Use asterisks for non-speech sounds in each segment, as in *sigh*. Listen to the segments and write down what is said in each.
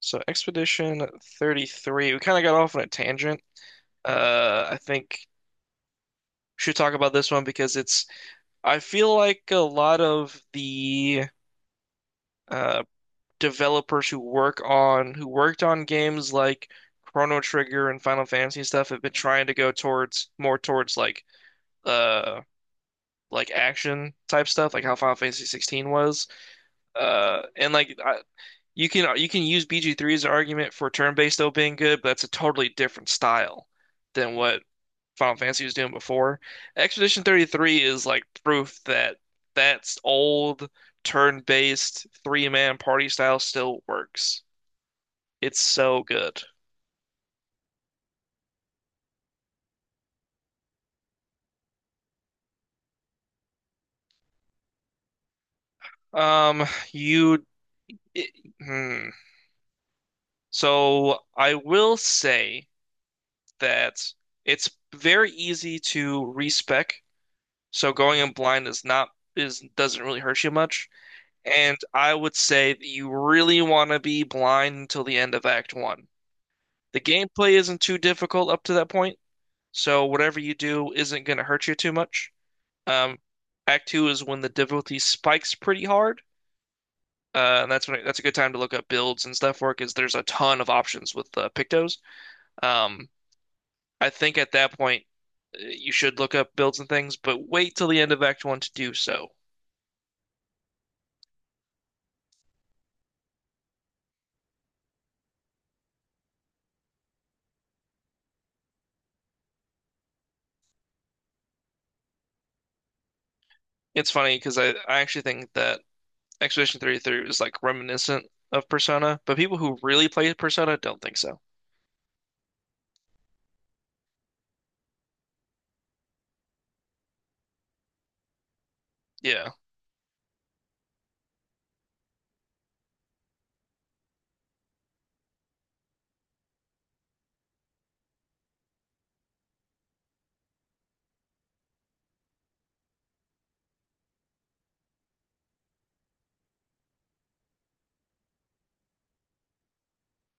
So Expedition 33, we kind of got off on a tangent. I think we should talk about this one because I feel like a lot of the uh, developers who worked on games like Chrono Trigger and Final Fantasy and stuff have been trying to go more towards uh, like action type stuff, like how Final Fantasy 16 was. Uh, and like I, You can you can use BG3 as an argument for turn-based though being good, but that's a totally different style than what Final Fantasy was doing before. Expedition 33 is like proof that that's old turn-based three-man party style still works. It's so good. Um, you it, hmm. So I will say that it's very easy to respec, so going in blind is not is doesn't really hurt you much. And I would say that you really want to be blind until the end of Act One. The gameplay isn't too difficult up to that point, so whatever you do isn't going to hurt you too much. Um, Act Two is when the difficulty spikes pretty hard, and that's a good time to look up builds and stuff for it because there's a ton of options with Pictos. Um, I think at that point you should look up builds and things, but wait till the end of Act One to do so. It's funny because I actually think that Expedition 33 is like reminiscent of Persona, but people who really play Persona don't think so. Yeah.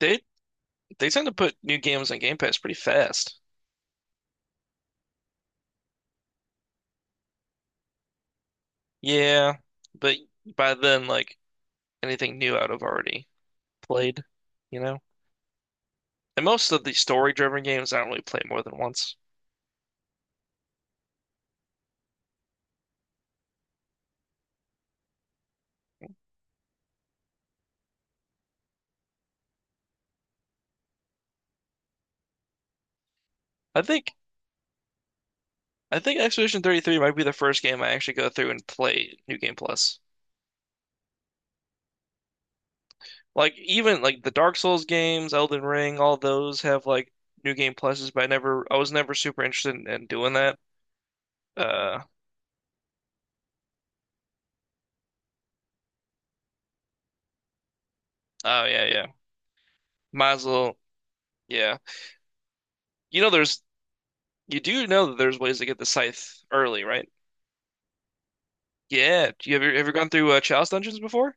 They they tend to put new games on Game Pass pretty fast. Yeah, but by then like anything new I'd have already played, you know? And most of the story-driven games I don't really play more than once. I think I think Expedition 33 might be the first game I actually go through and play New Game Plus. Like even like the Dark Souls games, Elden Ring, all those have like New Game Pluses, but I was never super interested in doing that. Uh, oh yeah, yeah. Might as well, yeah. You know, there's you do know that there's ways to get the scythe early, right? Yeah. Do you ever gone through Chalice dungeons before?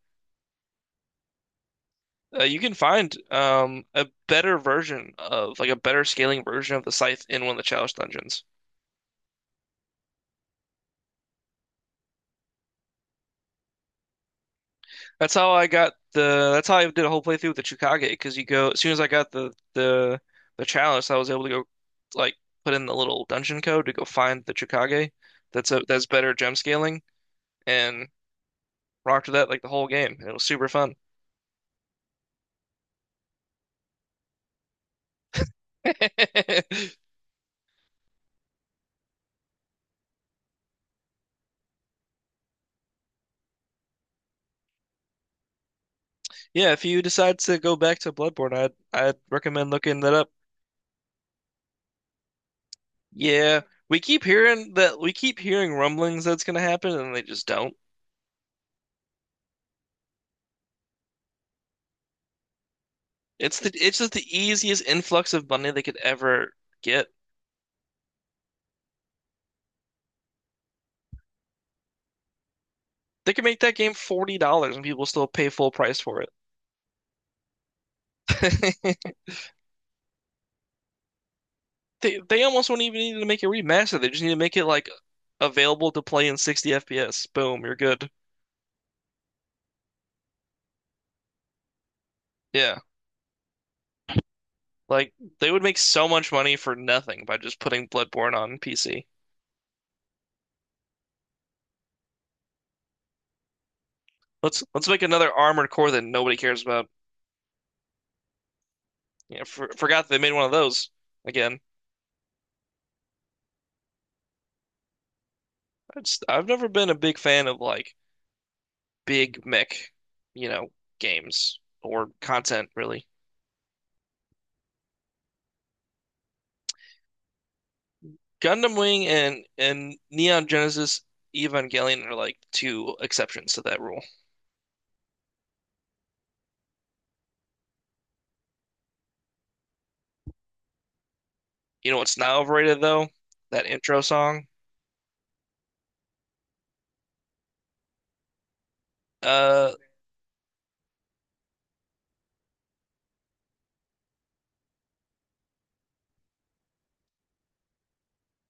You can find a better version of like a better scaling version of the scythe in one of the Chalice dungeons. That's how I got the. That's how I did a whole playthrough with the Chukage because you go as soon as I got the Chalice, I was able to go like put in the little dungeon code to go find the Chukage. That's better gem scaling and. Rocked with that like the whole game. It was super fun. *laughs* Yeah, if you decide to go back to Bloodborne, I'd recommend looking that up. Yeah, we keep hearing rumblings that's gonna happen, and they just don't. It's just the easiest influx of money they could ever get. They could make that game $40, and people still pay full price for it. *laughs* They almost won't even need to make it remastered. They just need to make it like available to play in 60 FPS. Boom, you're good. Yeah. Like they would make so much money for nothing by just putting Bloodborne on PC. Let's make another Armored Core that nobody cares about. Yeah, forgot they made one of those again. I've never been a big fan of like big mech, you know, games or content really. Gundam Wing and Neon Genesis Evangelion are like two exceptions to that rule. You know what's not overrated though? That intro song. Uh,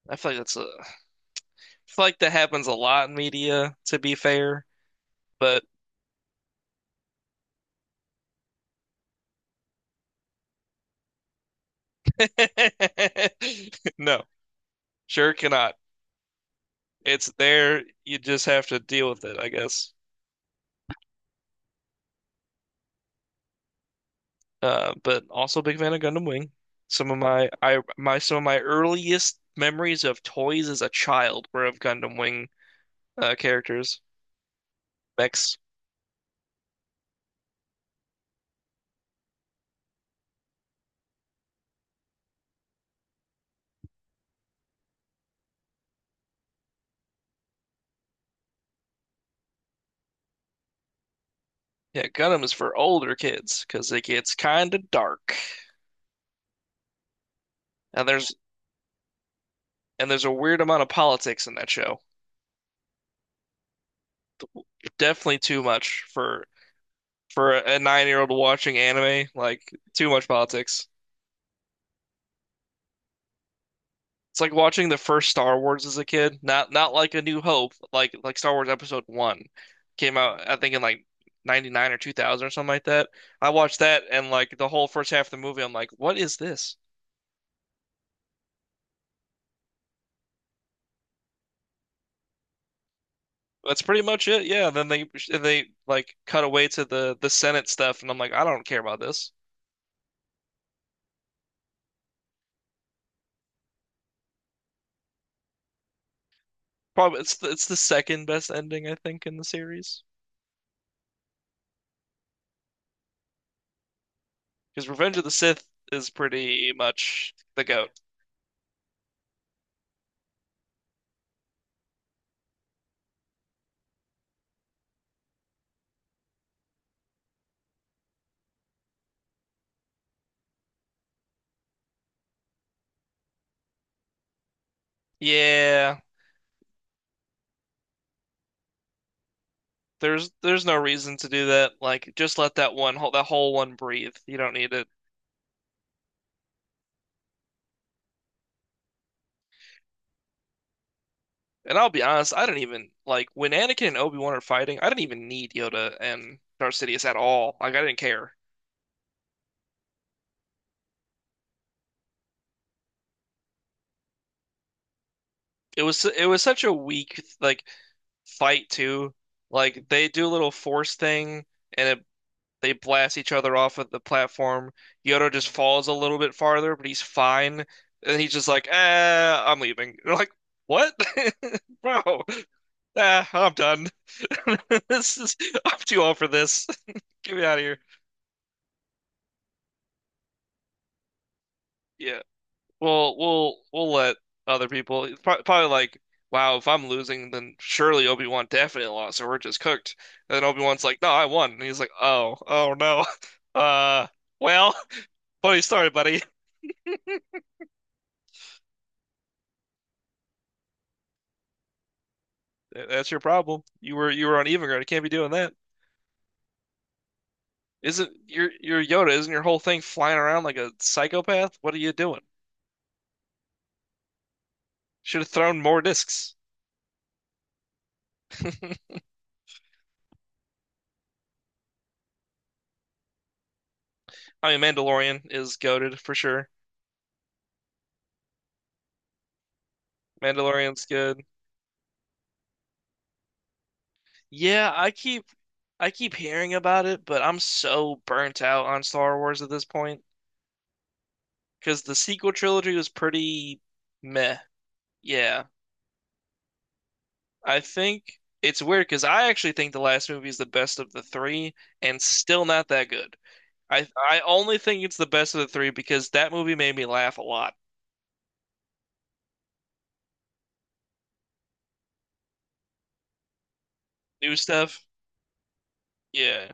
I feel like that happens a lot in media, to be fair. But *laughs* no, Sure cannot. It's there. You just have to deal with it, I guess. But also big fan of Gundam Wing. Some of my earliest memories of toys as a child were of Gundam Wing characters, mechs. Yeah, Gundam is for older kids because it gets kind of dark, and there's a weird amount of politics in that show. Definitely too much for a 9 year old watching anime. Like too much politics. It's like watching the first Star Wars as a kid. Not like A New Hope, like Star Wars Episode One came out, I think in like 99 or 2000 or something like that. I watched that and like the whole first half of the movie, I'm like, what is this? That's pretty much it. Yeah. Then they like cut away to the Senate stuff, and I'm like, I don't care about this. Probably it's the second best ending I think in the series because Revenge of the Sith is pretty much the goat. Yeah. There's no reason to do that. Like just let that whole one breathe. You don't need it. And I'll be honest, I don't even like when Anakin and Obi-Wan are fighting, I didn't even need Yoda and Darth Sidious at all. Like I didn't care. It was such a weak like fight too. Like they do a little force thing and it, they blast each other off of the platform. Yoda just falls a little bit farther, but he's fine. And he's just like, "Eh, I'm leaving." *laughs* You're like, "What?" *laughs* Bro. Ah, I'm done. *laughs* This is I'm too old for this. *laughs* Get me out of here. Yeah. We'll let other people probably like, wow, if I'm losing, then surely Obi-Wan definitely lost, or we're just cooked. And then Obi-Wan's like, no, I won. And he's like, oh, oh no. Uh, well, *laughs* funny story, buddy. That's your problem. You were on even ground. You can't be doing that. Isn't your Yoda? Isn't your whole thing flying around like a psychopath? What are you doing? Should have thrown more discs. *laughs* I mean, Mandalorian is goaded for sure. Mandalorian's good. Yeah, I keep hearing about it, but I'm so burnt out on Star Wars at this point because the sequel trilogy was pretty meh. Yeah, I think it's weird because I actually think the last movie is the best of the three and still not that good. I only think it's the best of the three because that movie made me laugh a lot. New stuff, yeah,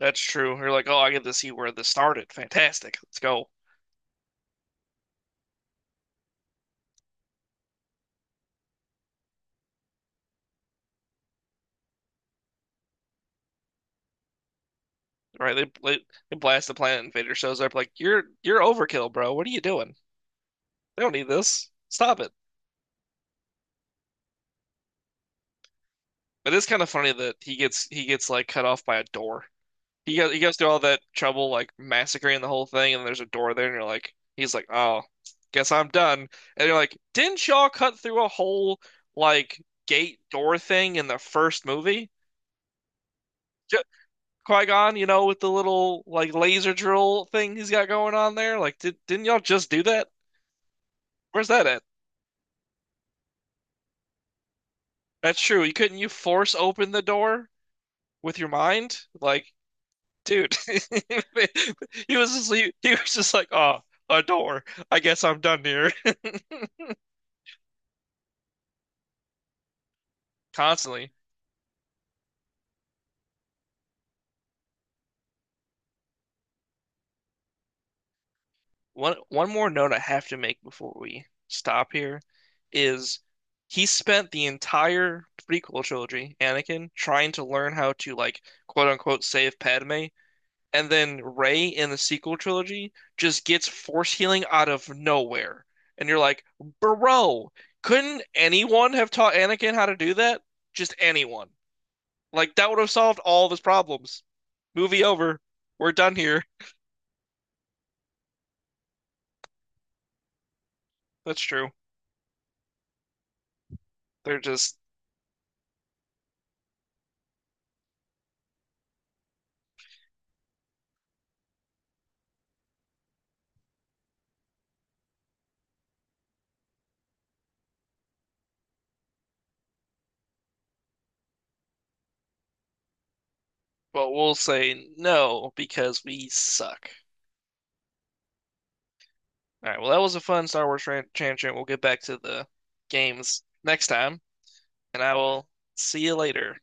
that's true. You're like, oh, I get to see where this started. Fantastic. Let's go. Right? They they blast the planet, and Vader shows up like, you're overkill, bro. What are you doing? They don't need this. Stop it." It is kind of funny that he gets like cut off by a door. He goes through all that trouble like massacring the whole thing, and there's a door there, and he's like, "Oh, guess I'm done." And you're like, "Didn't y'all cut through a whole like gate door thing in the first movie?" J- Qui-Gon, you know, with the little like laser drill thing he's got going on there. Like, didn't y'all just do that? Where's that at? That's true. You couldn't You force open the door with your mind? Like, dude, *laughs* he was just like, oh, a door. I guess I'm done here. *laughs* Constantly. One more note I have to make before we stop here is he spent the entire prequel trilogy, Anakin, trying to learn how to like quote unquote save Padme and then Rey in the sequel trilogy just gets force healing out of nowhere. And you're like, bro, couldn't anyone have taught Anakin how to do that? Just anyone. Like that would have solved all of his problems. Movie over. We're done here. That's true. They're just, but we'll say no because we suck. All right. Well, that was a fun Star Wars tangent. We'll get back to the games next time, and I will see you later.